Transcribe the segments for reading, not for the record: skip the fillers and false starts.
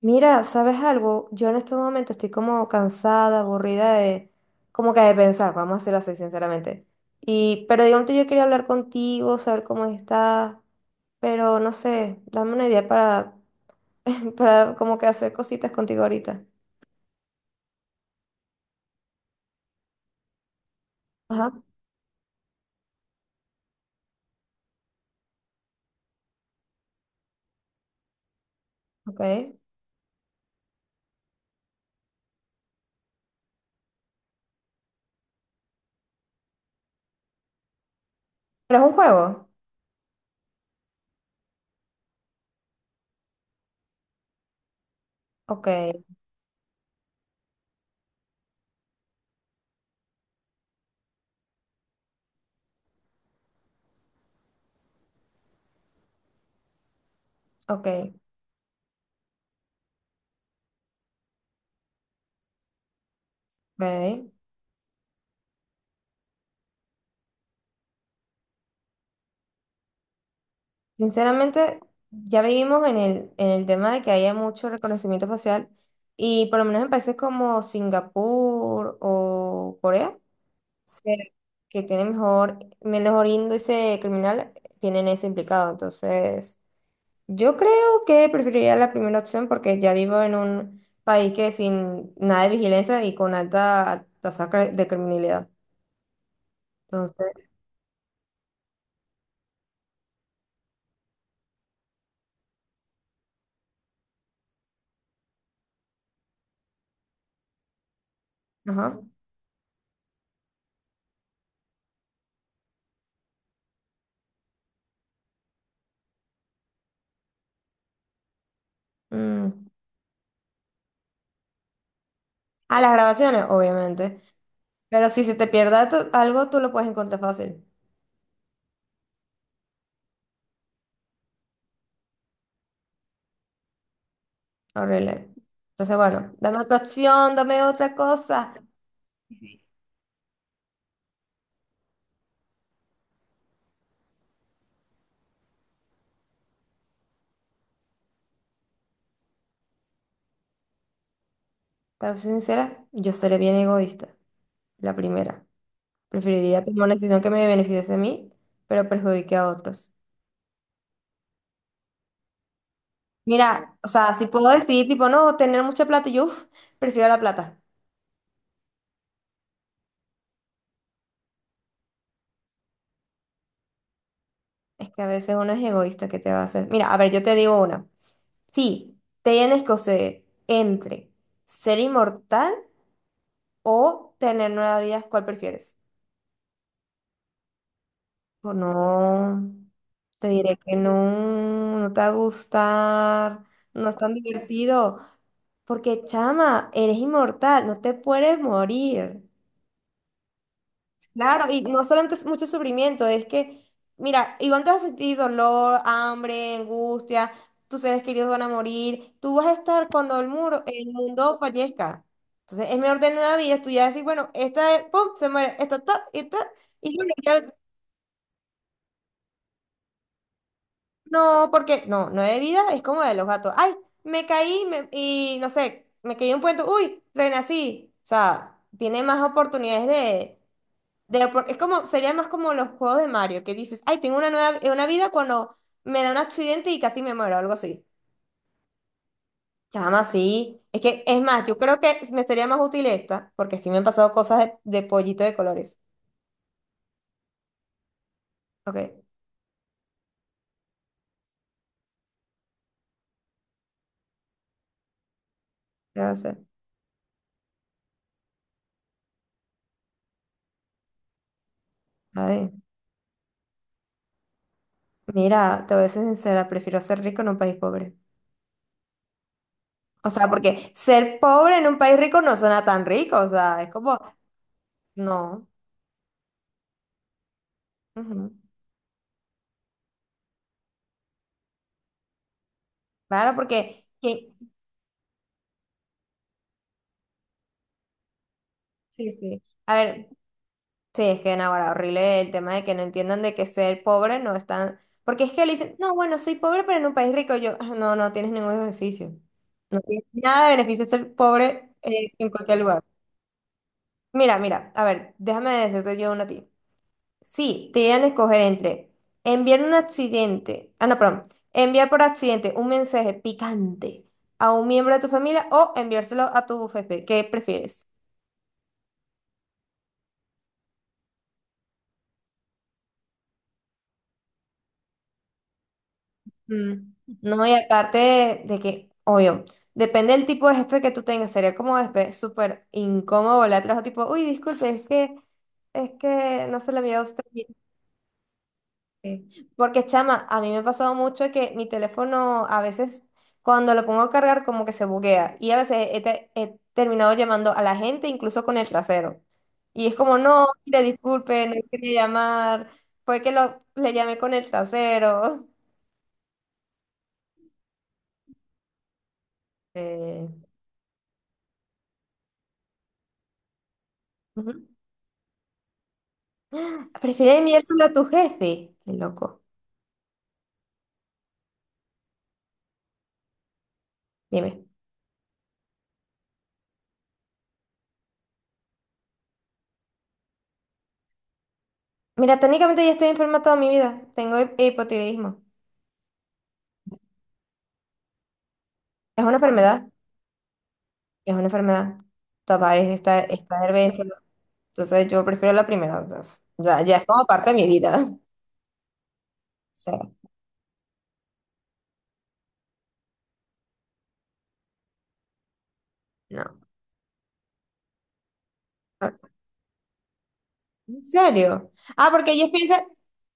Mira, ¿sabes algo? Yo en este momento estoy como cansada, aburrida de, como que de pensar, vamos a hacerlo así, sinceramente. Y, pero de momento yo quería hablar contigo, saber cómo estás, pero no sé, dame una idea para, para como que hacer cositas contigo ahorita. Ajá, ok. ¿Pero es un juego? Ok, ok, ok. Sinceramente, ya vivimos en el tema de que haya mucho reconocimiento facial y por lo menos en países como Singapur o Corea, se- que tienen mejor, menor índice criminal, tienen ese implicado. Entonces, yo creo que preferiría la primera opción porque ya vivo en un país que sin nada de vigilancia y con alta tasa de criminalidad. Entonces, ajá. Mm. A las grabaciones, obviamente. Pero si se te pierda algo, tú lo puedes encontrar fácil. Arreglé. Entonces, bueno, dame otra opción, dame otra cosa. Para ser sincera, yo seré bien egoísta. La primera. Preferiría tomar una decisión que me beneficie a mí, pero perjudique a otros. Mira, o sea, si puedo decir, tipo, no, tener mucha plata, yo uf, prefiero la plata. Es que a veces uno es egoísta, ¿qué te va a hacer? Mira, a ver, yo te digo una. Sí, tienes que escoger entre ser inmortal o tener nueva vida, ¿cuál prefieres? O no, te diré que no, te va a gustar, no es tan divertido, porque chama, eres inmortal, no te puedes morir. Claro, y no solamente es mucho sufrimiento, es que, mira, igual te vas a sentir dolor, hambre, angustia, tus seres queridos van a morir, tú vas a estar cuando el muro, el mundo fallezca. Entonces es mejor tener una vida, tú ya decís, bueno, esta, pum, se muere, esta, ta, esta, y bueno, ya. No, porque no, de vida, es como de los gatos. Ay, y no sé, me caí en un puente, uy, renací. O sea, tiene más oportunidades de, es como, sería más como los juegos de Mario, que dices, ay, tengo una nueva, una vida cuando me da un accidente y casi me muero, algo así. Chama, sí. Es que, es más, yo creo que me sería más útil esta, porque sí me han pasado cosas de pollito de colores. Ok, ya sé. ¿A hacer? A ver. Mira, te voy a ser sincera, prefiero ser rico en un país pobre. O sea, porque ser pobre en un país rico no suena tan rico, o sea, es como, no. Ujú. Claro, porque, sí, sí. A ver, sí, es que no, ahora horrible el tema de que no entiendan de que ser pobre no es tan... Porque es que le dicen, no, bueno, soy pobre, pero en un país rico yo, "Ah, no, no tienes ningún beneficio. Nada de beneficio ser pobre en cualquier lugar. Mira, mira, a ver, déjame decirte yo una a ti. Sí, te iban a escoger entre enviar un accidente, ah, no, perdón, enviar por accidente un mensaje picante a un miembro de tu familia o enviárselo a tu jefe. ¿Qué prefieres? Mm. No, y aparte de que, obvio, depende del tipo de jefe que tú tengas, sería como después súper incómodo volar atrás, o tipo, uy, disculpe, es que no se lo envié a usted. Sí, porque, chama, a mí me ha pasado mucho que mi teléfono a veces cuando lo pongo a cargar como que se buguea y a veces he terminado llamando a la gente incluso con el trasero. Y es como, no, mire, disculpe, no quería llamar, fue que lo, le llamé con el trasero. Eh, ujú. ¿Prefieres enviárselo a tu jefe? Qué loco. Dime. Mira, técnicamente ya estoy enferma toda mi vida. Tengo hipotiroidismo. Es una enfermedad. Es una enfermedad. Tapa, es esta, esta. Entonces yo prefiero la primera, entonces, ya, ya es como parte de mi vida. Sí. No. Ah, ¿en serio? Ah, porque ellos piensan,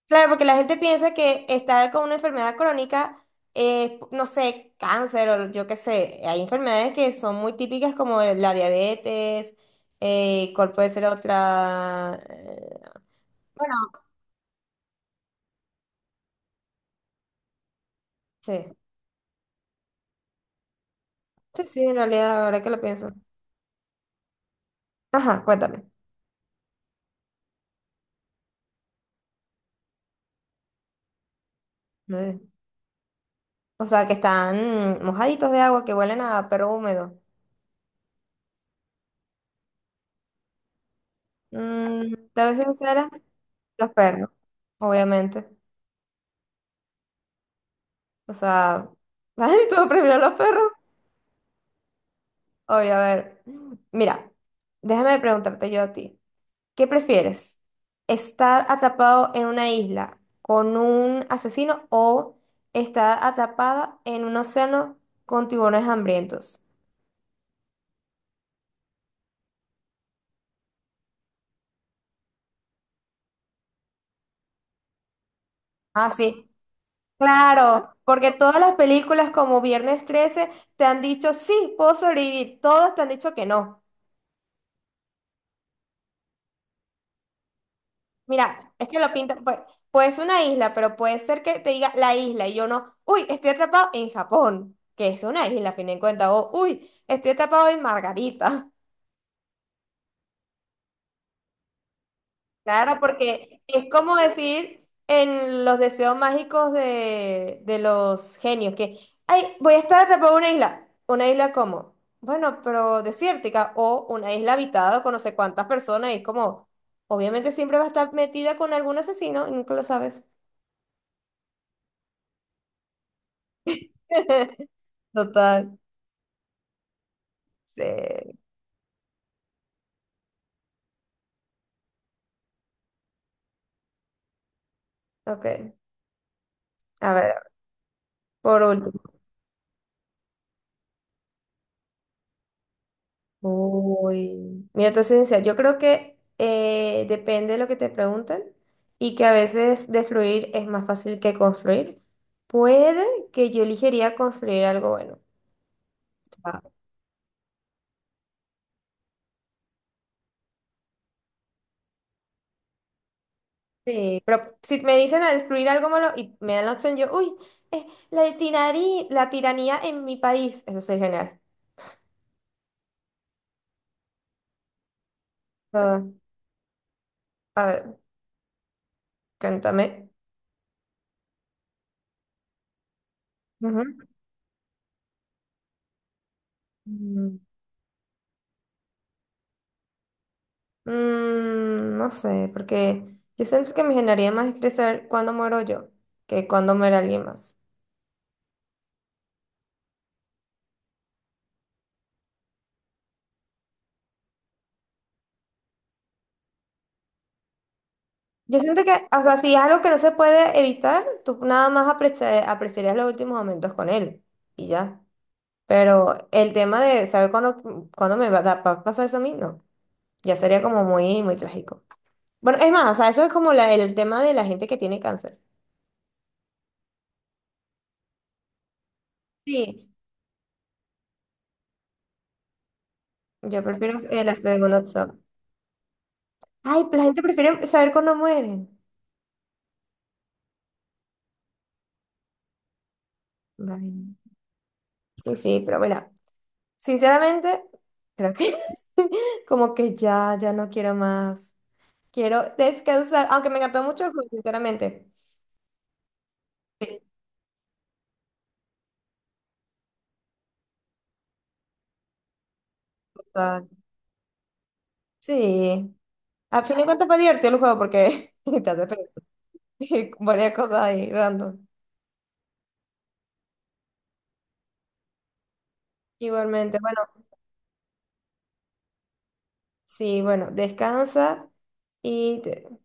claro, porque la gente piensa que estar con una enfermedad crónica es, no sé, cáncer o yo qué sé. Hay enfermedades que son muy típicas como la diabetes, ¿cuál puede ser otra? Bueno, sí, sí, sí, en realidad, ahora que lo pienso. Ajá, cuéntame. Madre. O sea, que están mojaditos de agua, que huelen a perro húmedo. Mm, te voy a ser sincera, los perros, obviamente. O sea, ¿sabes? ¿Tú prefieres los perros? Oye, a ver. Mira, déjame preguntarte yo a ti. ¿Qué prefieres? ¿Estar atrapado en una isla con un asesino o estar atrapada en un océano con tiburones hambrientos? Ah, sí. Claro, porque todas las películas como Viernes 13 te han dicho, sí, puedo sobrevivir. Todas te han dicho que no. Mira, es que lo pintan, pues, puede ser una isla, pero puede ser que te diga la isla y yo no, uy, estoy atrapado en Japón, que es una isla, a fin de cuentas, o uy, estoy atrapado en Margarita. Claro, porque es como decir en los deseos mágicos de los genios, que, ay, voy a estar atrapado en una isla. ¿Una isla como? Bueno, pero desértica, o una isla habitada con no sé cuántas personas, y es como, obviamente siempre va a estar metida con algún asesino, nunca lo sabes. Total. Sí, ok. A ver, por último. Uy. Mira, entonces, en serio, yo creo que depende de lo que te pregunten y que a veces destruir es más fácil que construir. Puede que yo elegiría construir algo bueno. Ah, sí, pero si me dicen a destruir algo malo y me dan la opción, yo, uy, eh, la tiranía en mi país. Eso sería genial. Ah, a ver, cántame. Ujú. Mm, no sé, porque yo siento que me generaría más estresar cuando muero yo que cuando muera alguien más. Yo siento que, o sea, si es algo que no se puede evitar, tú nada más apreciarías los últimos momentos con él y ya. Pero el tema de saber cuándo, cuándo me va a dar- va a pasar eso a mí, no. Ya sería como muy, muy trágico. Bueno, es más, o sea, eso es como el tema de la gente que tiene cáncer. Sí, yo prefiero la segunda opción. Ay, la gente prefiere saber cuándo mueren. Vale. Sí, sí, pero bueno, sinceramente, creo que como que ya, ya no quiero más. Quiero descansar, aunque me encantó mucho el juego, sinceramente. Sí, total. Sí. A fin de cuentas fue divertido el juego porque te hace pensar y varias cosas ahí random. Igualmente, bueno, sí, bueno, descansa y te-